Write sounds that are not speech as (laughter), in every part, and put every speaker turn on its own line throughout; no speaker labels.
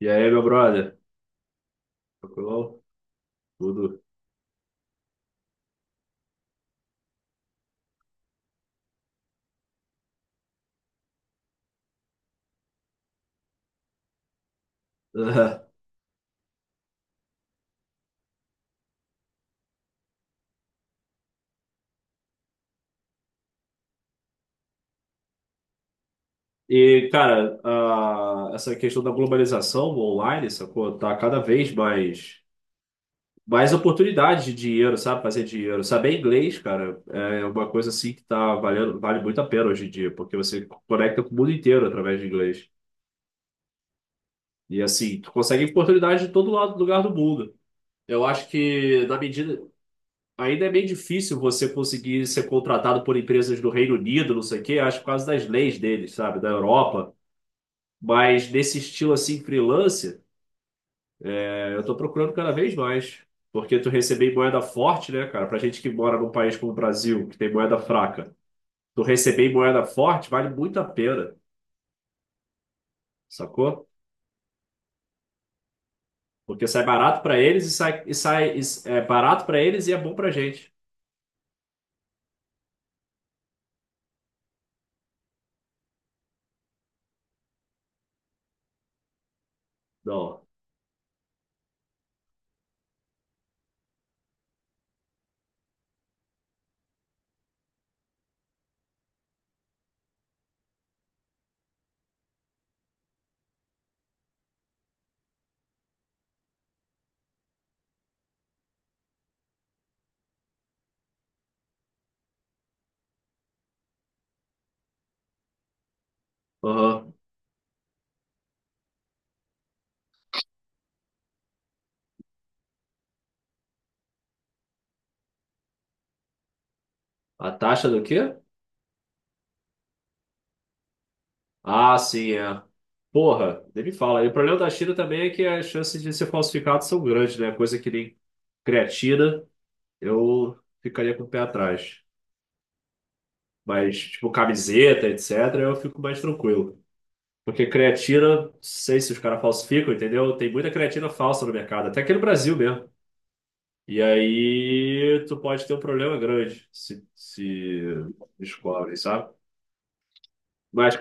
E aí, meu brother? Tranquilão? Tudo. (laughs) Essa questão da globalização online, sacou? Tá cada vez mais oportunidades de dinheiro, sabe? Fazer dinheiro. Saber inglês, cara, é uma coisa assim que tá valendo, vale muito a pena hoje em dia, porque você conecta com o mundo inteiro através de inglês. E assim, tu consegue oportunidade de todo lado, lugar do mundo. Eu acho que na medida. Ainda é meio difícil você conseguir ser contratado por empresas do Reino Unido, não sei o quê, acho que por causa das leis deles, sabe, da Europa. Mas nesse estilo assim, freelance, eu tô procurando cada vez mais. Porque tu receber em moeda forte, né, cara? Pra gente que mora num país como o Brasil, que tem moeda fraca, tu receber em moeda forte vale muito a pena, sacou? Porque sai barato pra eles e é barato pra eles e é bom pra gente. Não. Aham. A taxa do quê? Ah, sim, é. Porra, nem me fala. E o problema da China também é que as chances de ser falsificado são grandes, né? Coisa que nem creatina, eu ficaria com o pé atrás. Mas, tipo, camiseta, etc., eu fico mais tranquilo. Porque creatina, não sei se os caras falsificam, entendeu? Tem muita creatina falsa no mercado, até aqui no Brasil mesmo. E aí tu pode ter um problema grande se descobre, sabe? Mas,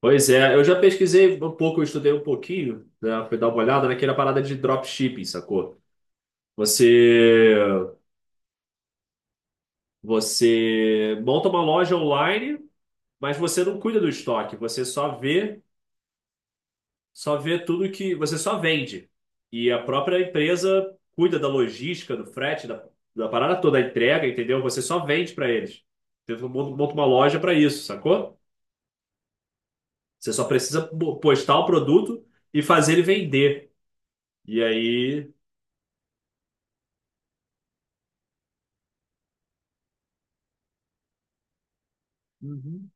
Pois é, eu já pesquisei um pouco, eu estudei um pouquinho, né, fui dar uma olhada naquela parada de dropshipping, sacou? Você, você monta uma loja online, mas você não cuida do estoque, só vê tudo que, você só vende. E a própria empresa cuida da logística, do frete, da parada toda, da entrega, entendeu? Você só vende para eles. Então, monta uma loja para isso, sacou? Você só precisa postar o produto e fazer ele vender. E aí. Uhum.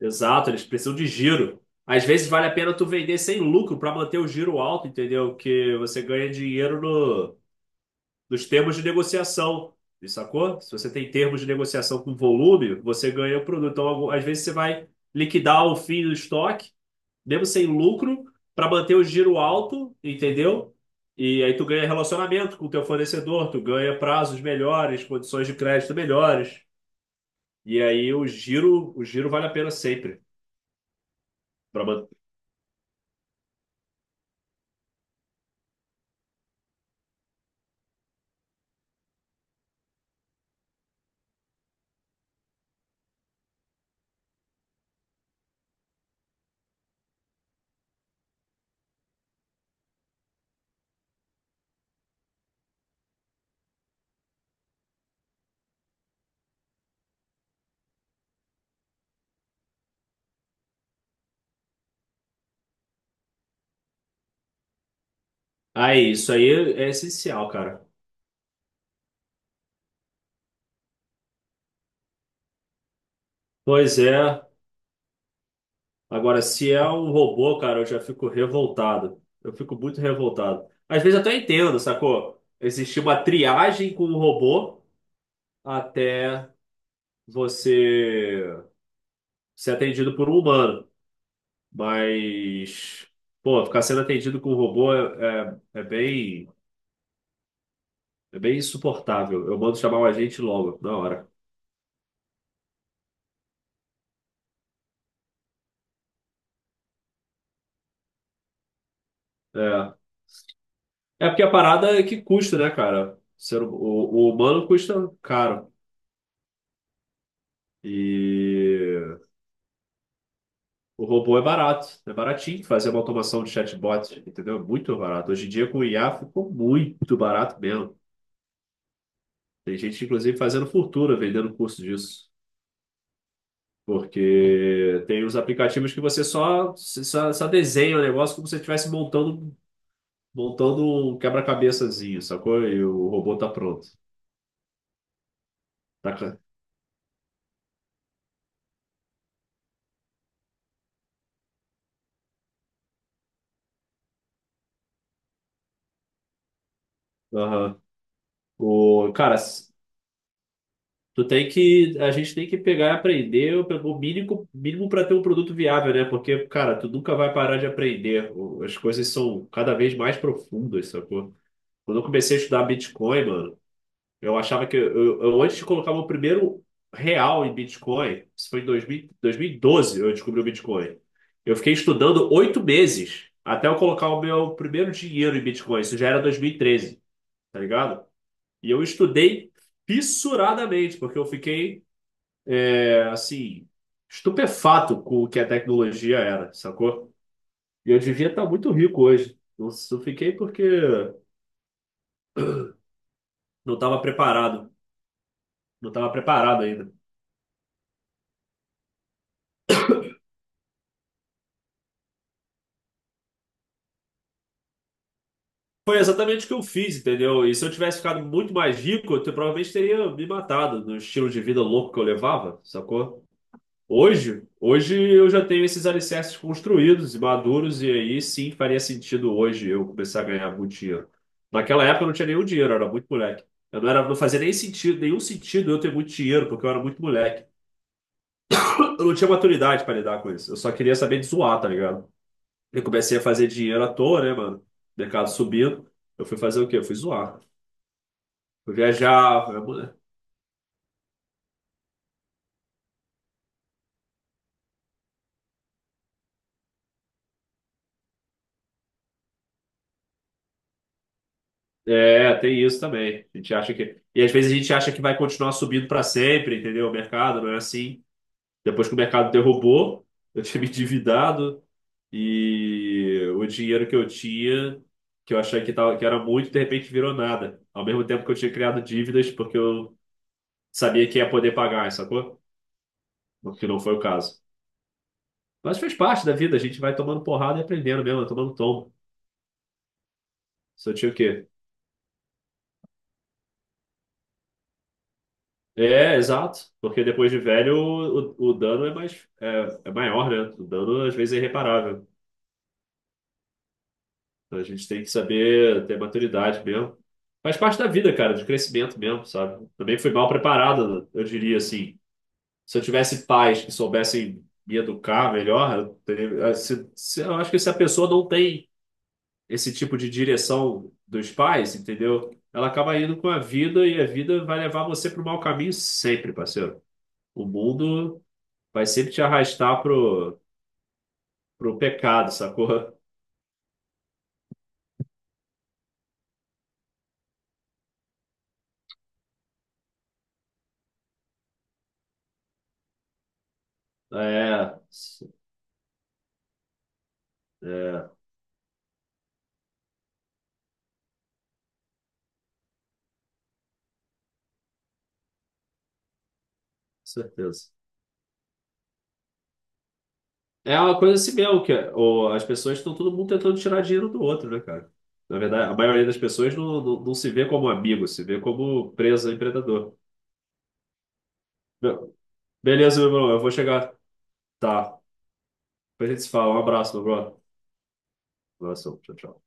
Exato, eles precisam de giro. Às vezes vale a pena tu vender sem lucro para manter o giro alto, entendeu? Que você ganha dinheiro no, nos termos de negociação. Sacou? Se você tem termos de negociação com volume, você ganha o produto. Então, às vezes você vai liquidar o fim do estoque, mesmo sem lucro, para manter o giro alto, entendeu? E aí tu ganha relacionamento com o teu fornecedor, tu ganha prazos melhores, condições de crédito melhores. E aí o giro vale a pena sempre para. Aí, isso aí é essencial, cara. Pois é. Agora, se é um robô, cara, eu já fico revoltado. Eu fico muito revoltado. Às vezes eu até entendo, sacou? Existe uma triagem com um robô até você ser atendido por um humano. Mas, pô, ficar sendo atendido com um robô é bem insuportável. Eu mando chamar o agente logo, na hora. É. É porque a parada é que custa, né, cara? O humano custa caro. E o robô é barato, é baratinho fazer uma automação de chatbot, entendeu? É muito barato. Hoje em dia com o IA ficou muito barato mesmo. Tem gente, inclusive, fazendo fortuna vendendo curso disso. Porque tem os aplicativos que você só desenha o negócio como se você estivesse montando um quebra-cabeçazinho, sacou? E o robô tá pronto. Tá, ca- Aham. O, cara, a gente tem que pegar e aprender o mínimo, mínimo para ter um produto viável, né? Porque, cara, tu nunca vai parar de aprender. O- As coisas são cada vez mais profundas, sacou? Quando eu comecei a estudar Bitcoin, mano, eu achava que eu antes de colocar meu primeiro real em Bitcoin, isso foi em 2000, doze eu descobri o Bitcoin. Eu fiquei estudando 8 meses até eu colocar o meu primeiro dinheiro em Bitcoin. Isso já era 2013, tá ligado? E eu estudei fissuradamente, porque eu fiquei é, assim, estupefato com o que a tecnologia era, sacou? E eu devia estar muito rico hoje. Eu só fiquei porque não estava preparado. Não estava preparado ainda. Foi exatamente o que eu fiz, entendeu? E se eu tivesse ficado muito mais rico, provavelmente teria me matado no estilo de vida louco que eu levava, sacou? Hoje eu já tenho esses alicerces construídos e maduros, e aí sim faria sentido hoje eu começar a ganhar muito dinheiro. Naquela época eu não tinha nenhum dinheiro, eu era muito moleque. Eu não era, não fazia nem sentido, nenhum sentido eu ter muito dinheiro, porque eu era muito moleque. Eu não tinha maturidade para lidar com isso. Eu só queria saber de zoar, tá ligado? Eu comecei a fazer dinheiro à toa, né, mano? Mercado subindo. Eu fui fazer o quê? Eu fui zoar. Fui viajar. fui- É, tem isso também. A gente acha que. E às vezes a gente acha que vai continuar subindo para sempre, entendeu? O mercado não é assim. Depois que o mercado derrubou, eu tinha me endividado e o dinheiro que eu tinha, que eu achei que era muito, de repente virou nada. Ao mesmo tempo que eu tinha criado dívidas porque eu sabia que ia poder pagar, sacou? O que não foi o caso. Mas fez parte da vida, a gente vai tomando porrada e aprendendo mesmo, é tomando tombo. Só tinha o quê? É, exato. Porque depois de velho, o dano é é maior, né? O dano às vezes é irreparável. Então a gente tem que saber ter maturidade mesmo. Faz parte da vida, cara, de crescimento mesmo, sabe? Também fui mal preparado, eu diria assim. Se eu tivesse pais que soubessem me educar melhor, eu acho que se a pessoa não tem esse tipo de direção dos pais, entendeu? Ela acaba indo com a vida e a vida vai levar você para o mau caminho sempre, parceiro. O mundo vai sempre te arrastar pro pecado, sacou? É, é, com certeza. É uma coisa assim mesmo, as pessoas estão todo mundo tentando tirar dinheiro do outro, né, cara? Na verdade, a maioria das pessoas não se vê como amigo, se vê como presa a empreendedor. Be- Beleza, meu irmão, eu vou chegar. Tá. Depois a gente se fala. Um abraço, meu brother. Um abraço. Tchau, tchau.